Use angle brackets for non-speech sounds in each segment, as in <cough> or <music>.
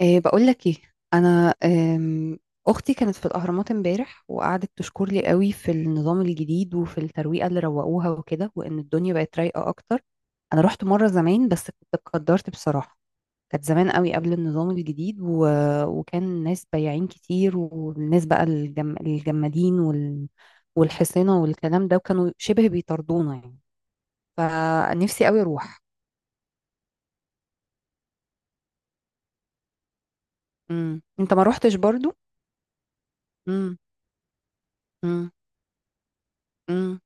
إيه بقول لك ايه. انا اختي كانت في الاهرامات امبارح، وقعدت تشكر لي قوي في النظام الجديد وفي الترويقه اللي روقوها وكده، وان الدنيا بقت رايقه اكتر. انا رحت مره زمان، بس كنت اتقدرت بصراحه. كانت زمان قوي قبل النظام الجديد وكان ناس بياعين كتير، والناس بقى الجمادين والحصينه والكلام ده، وكانوا شبه بيطردونا يعني. فنفسي قوي اروح. مم. انت ما روحتش برضو؟ امم.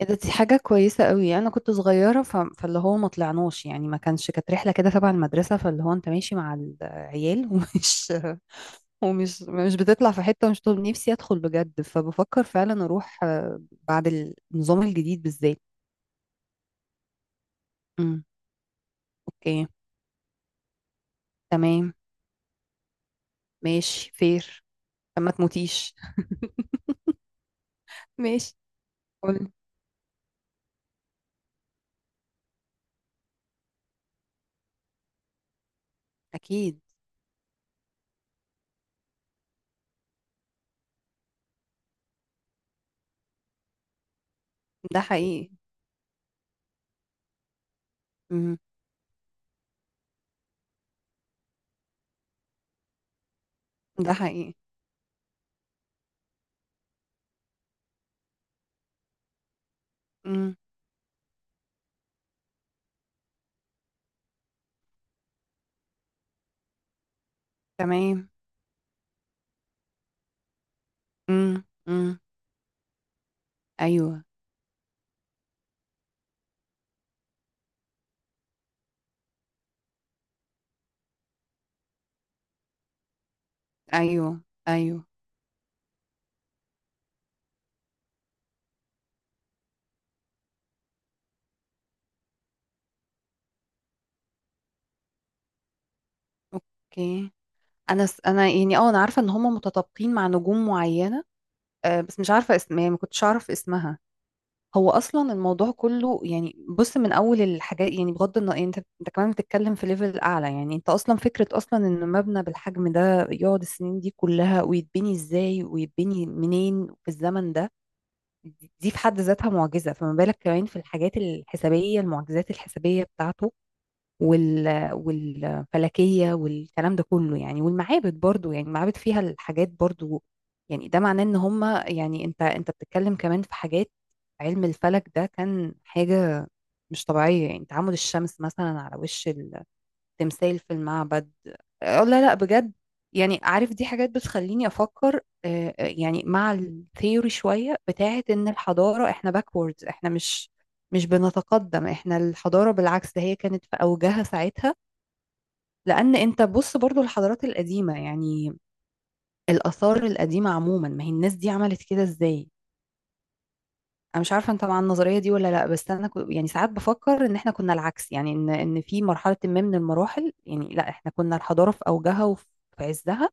إيه ده، دي حاجة كويسة قوي. أنا كنت صغيرة فاللي هو ما طلعناش، يعني ما كانش، كانت رحلة كده تبع المدرسة، فاللي هو أنت ماشي مع العيال <laughs> ومش ومش مش بتطلع في حتة، مش طول نفسي أدخل بجد. فبفكر فعلا أروح، بعد النظام الجديد بالذات. امم. أوكي. تمام. ماشي فير. ما تموتيش <laughs> ماشي. قول. أكيد. ده حقيقي. امم. ده حقيقي. امم. تمام. امم. أيوه. أيوه. أيوه. أوكي. انا يعني اه انا عارفه ان هم متطابقين مع نجوم معينه، بس مش عارفه اسم، يعني ما كنتش اعرف اسمها. هو اصلا الموضوع كله يعني، بص، من اول الحاجات، يعني بغض النظر، يعني انت كمان بتتكلم في ليفل اعلى. يعني انت اصلا فكره اصلا ان مبنى بالحجم ده يقعد السنين دي كلها، ويتبني ازاي ويتبني منين في الزمن ده. دي في حد ذاتها معجزه، فما بالك كمان في الحاجات الحسابيه، المعجزات الحسابيه بتاعته، والفلكية والكلام ده كله يعني، والمعابد برضو، يعني المعابد فيها الحاجات برضو. يعني ده معناه ان هم، يعني انت بتتكلم كمان في حاجات. علم الفلك ده كان حاجة مش طبيعية، يعني تعامد الشمس مثلا على وش التمثال في المعبد. اه، لا لا، بجد. يعني عارف، دي حاجات بتخليني افكر. اه، اه، يعني مع الثيوري شوية بتاعت ان الحضارة، احنا باكوردز، احنا مش بنتقدم. احنا الحضارة بالعكس، ده هي كانت في اوجها ساعتها. لان انت بص، برضو الحضارات القديمه يعني، الاثار القديمه عموما، ما هي الناس دي عملت كده ازاي؟ انا مش عارفه انت مع النظريه دي ولا لا، بس انا يعني ساعات بفكر ان احنا كنا العكس. يعني ان في مرحله ما من المراحل، يعني لا احنا كنا الحضاره في اوجها وفي عزها،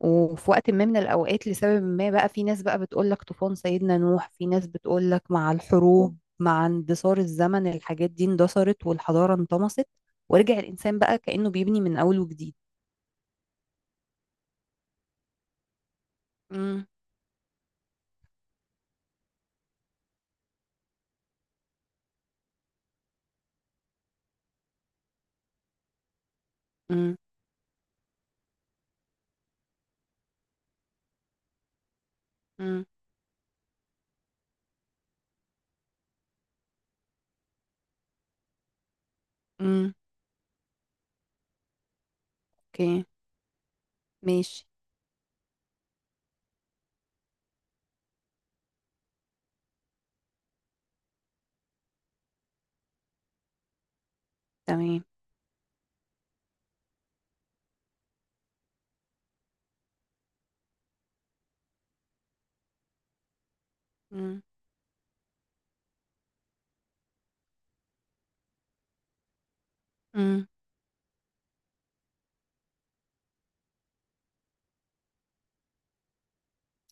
وفي وقت ما من الاوقات لسبب ما، بقى في ناس بقى بتقول لك طوفان سيدنا نوح، في ناس بتقول لك مع الحروب، مع اندثار الزمن، الحاجات دي اندثرت والحضاره انطمست، ورجع الانسان بقى كانه بيبني من اول وجديد. امم. امم. امم. اوكي. ماشي. تمام. امم امم.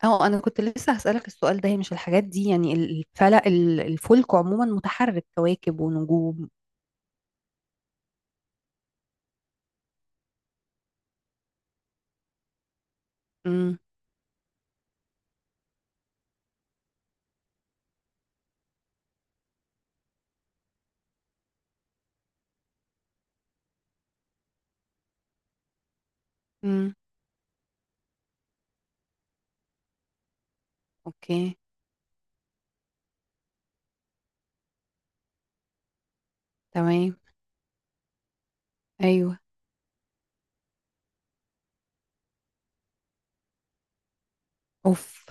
اه، انا كنت لسه هسألك السؤال ده. هي مش الحاجات دي يعني، الفلك، الفلك عموما متحرك، كواكب ونجوم. امم. امم. اوكي. تمام. ايوه. اوف.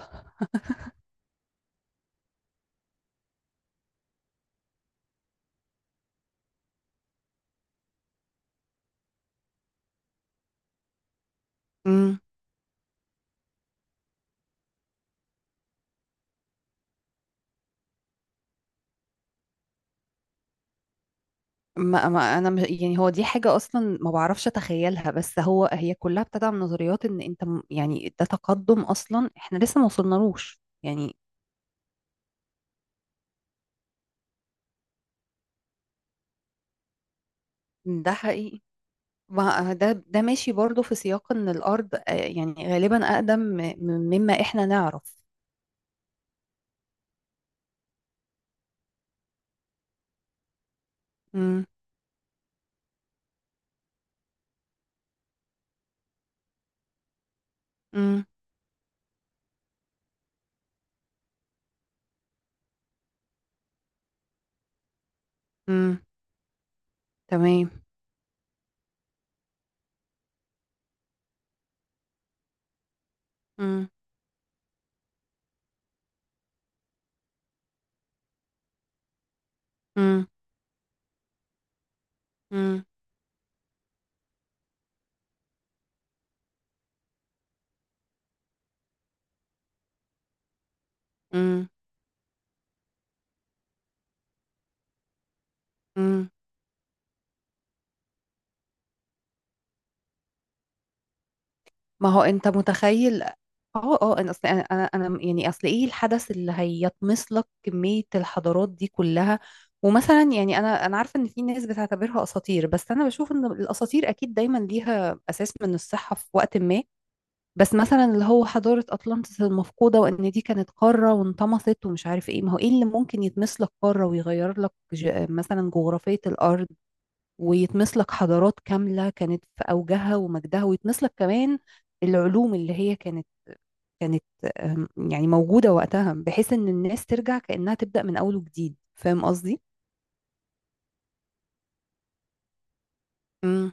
امم. ما انا مش يعني، هو دي حاجة اصلا ما بعرفش اتخيلها، بس هو هي كلها ابتدى من نظريات يعني ده تقدم اصلا احنا لسه ما وصلنالوش يعني. ده حقيقي. ما ده ماشي برضو في سياق ان الارض، يعني غالبا اقدم مما احنا نعرف. امم. امم. امم. تمام. امم. امم. امم. امم. امم. ما هو انت متخيل. اه اه، انا اصل انا انا أنا يعني اصل، ايه الحدث اللي هيطمس لك كمية الحضارات دي كلها؟ ومثلا يعني، انا عارفه ان في ناس بتعتبرها اساطير، بس انا بشوف ان الاساطير اكيد دايما ليها اساس من الصحه في وقت ما. بس مثلا اللي هو حضارة أطلانتس المفقودة، وإن دي كانت قارة وانطمست ومش عارف إيه. ما هو إيه اللي ممكن يتمس لك قارة ويغير لك مثلا جغرافية الأرض، ويتمس لك حضارات كاملة كانت في أوجها ومجدها، ويتمس لك كمان العلوم اللي هي كانت يعني موجودة وقتها، بحيث إن الناس ترجع كأنها تبدأ من أول وجديد. فاهم قصدي؟ امم.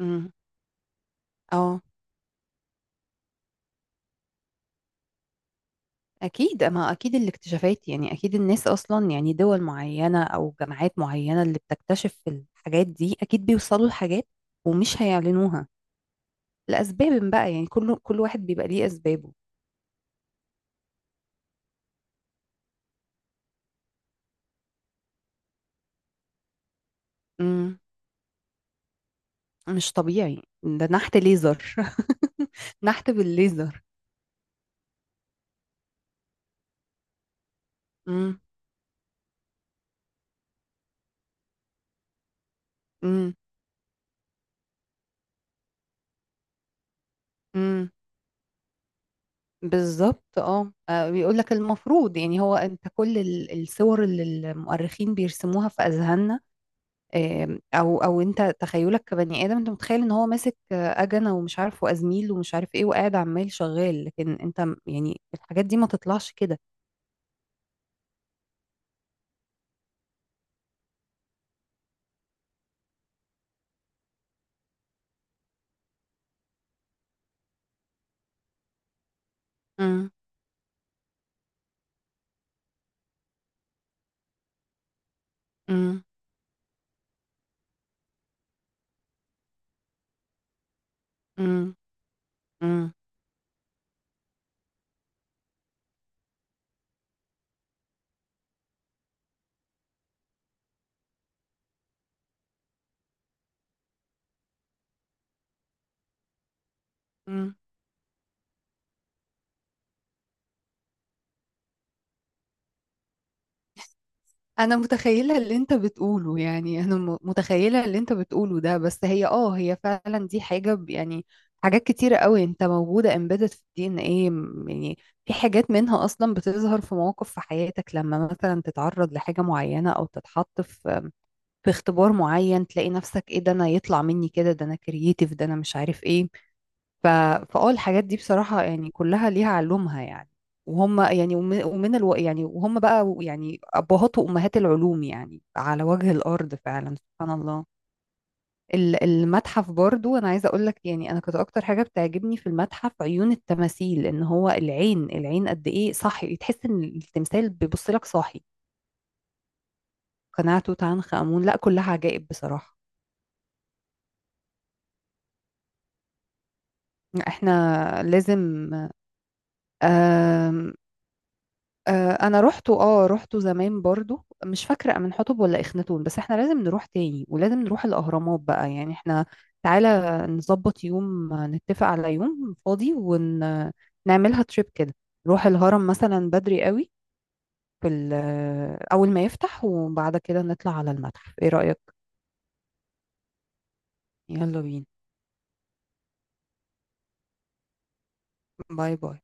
امم. اه أكيد، أما أكيد الاكتشافات يعني، أكيد الناس أصلا يعني، دول معينة أو جامعات معينة اللي بتكتشف الحاجات دي، أكيد بيوصلوا لحاجات، ومش هيعلنوها لأسباب بقى. يعني كل واحد بيبقى ليه أسبابه. امم. مش طبيعي، ده نحت ليزر. <laughs> نحت بالليزر. امم. امم. امم. بالظبط. اه، بيقول لك المفروض يعني، هو انت كل الصور اللي المؤرخين بيرسموها في اذهاننا، او انت تخيلك كبني ادم انت متخيل ان هو ماسك اجنه ومش عارف وازميل ومش عارف ايه وقاعد عمال شغال. لكن انت يعني الحاجات دي ما تطلعش كده. امم. امم. امم. امم. امم. انا متخيله اللي انت بتقوله، يعني انا متخيله اللي انت بتقوله ده، بس هي اه هي فعلا دي حاجه يعني حاجات كتيره قوي انت موجوده امبيدد في الدي ان ايه، يعني في حاجات منها اصلا بتظهر في مواقف في حياتك، لما مثلا تتعرض لحاجه معينه او تتحط في اختبار معين، تلاقي نفسك ايه ده، انا يطلع مني كده، ده انا كرييتيف، ده انا مش عارف ايه. ف... فاه الحاجات دي بصراحة يعني كلها ليها علومها يعني. وهم يعني، ومن يعني وهم بقى، يعني ابهات وامهات العلوم يعني على وجه الارض، فعلا سبحان الله. المتحف برضو، انا عايزه اقول لك، يعني انا كنت اكتر حاجه بتعجبني في المتحف عيون التماثيل. ان هو العين، العين قد ايه صاحي، تحس ان التمثال بيبص لك صاحي. قناع توت عنخ امون، لا كلها عجائب بصراحه. احنا لازم. آم، انا روحته، روحته زمان برضو، مش فاكره من حطب ولا اخناتون، بس احنا لازم نروح تاني، ولازم نروح الاهرامات بقى يعني. احنا تعالى نظبط يوم، نتفق على يوم فاضي ونعملها تريب كده. نروح الهرم مثلا بدري قوي في اول ما يفتح، وبعد كده نطلع على المتحف. ايه رايك؟ يلا بينا. باي باي.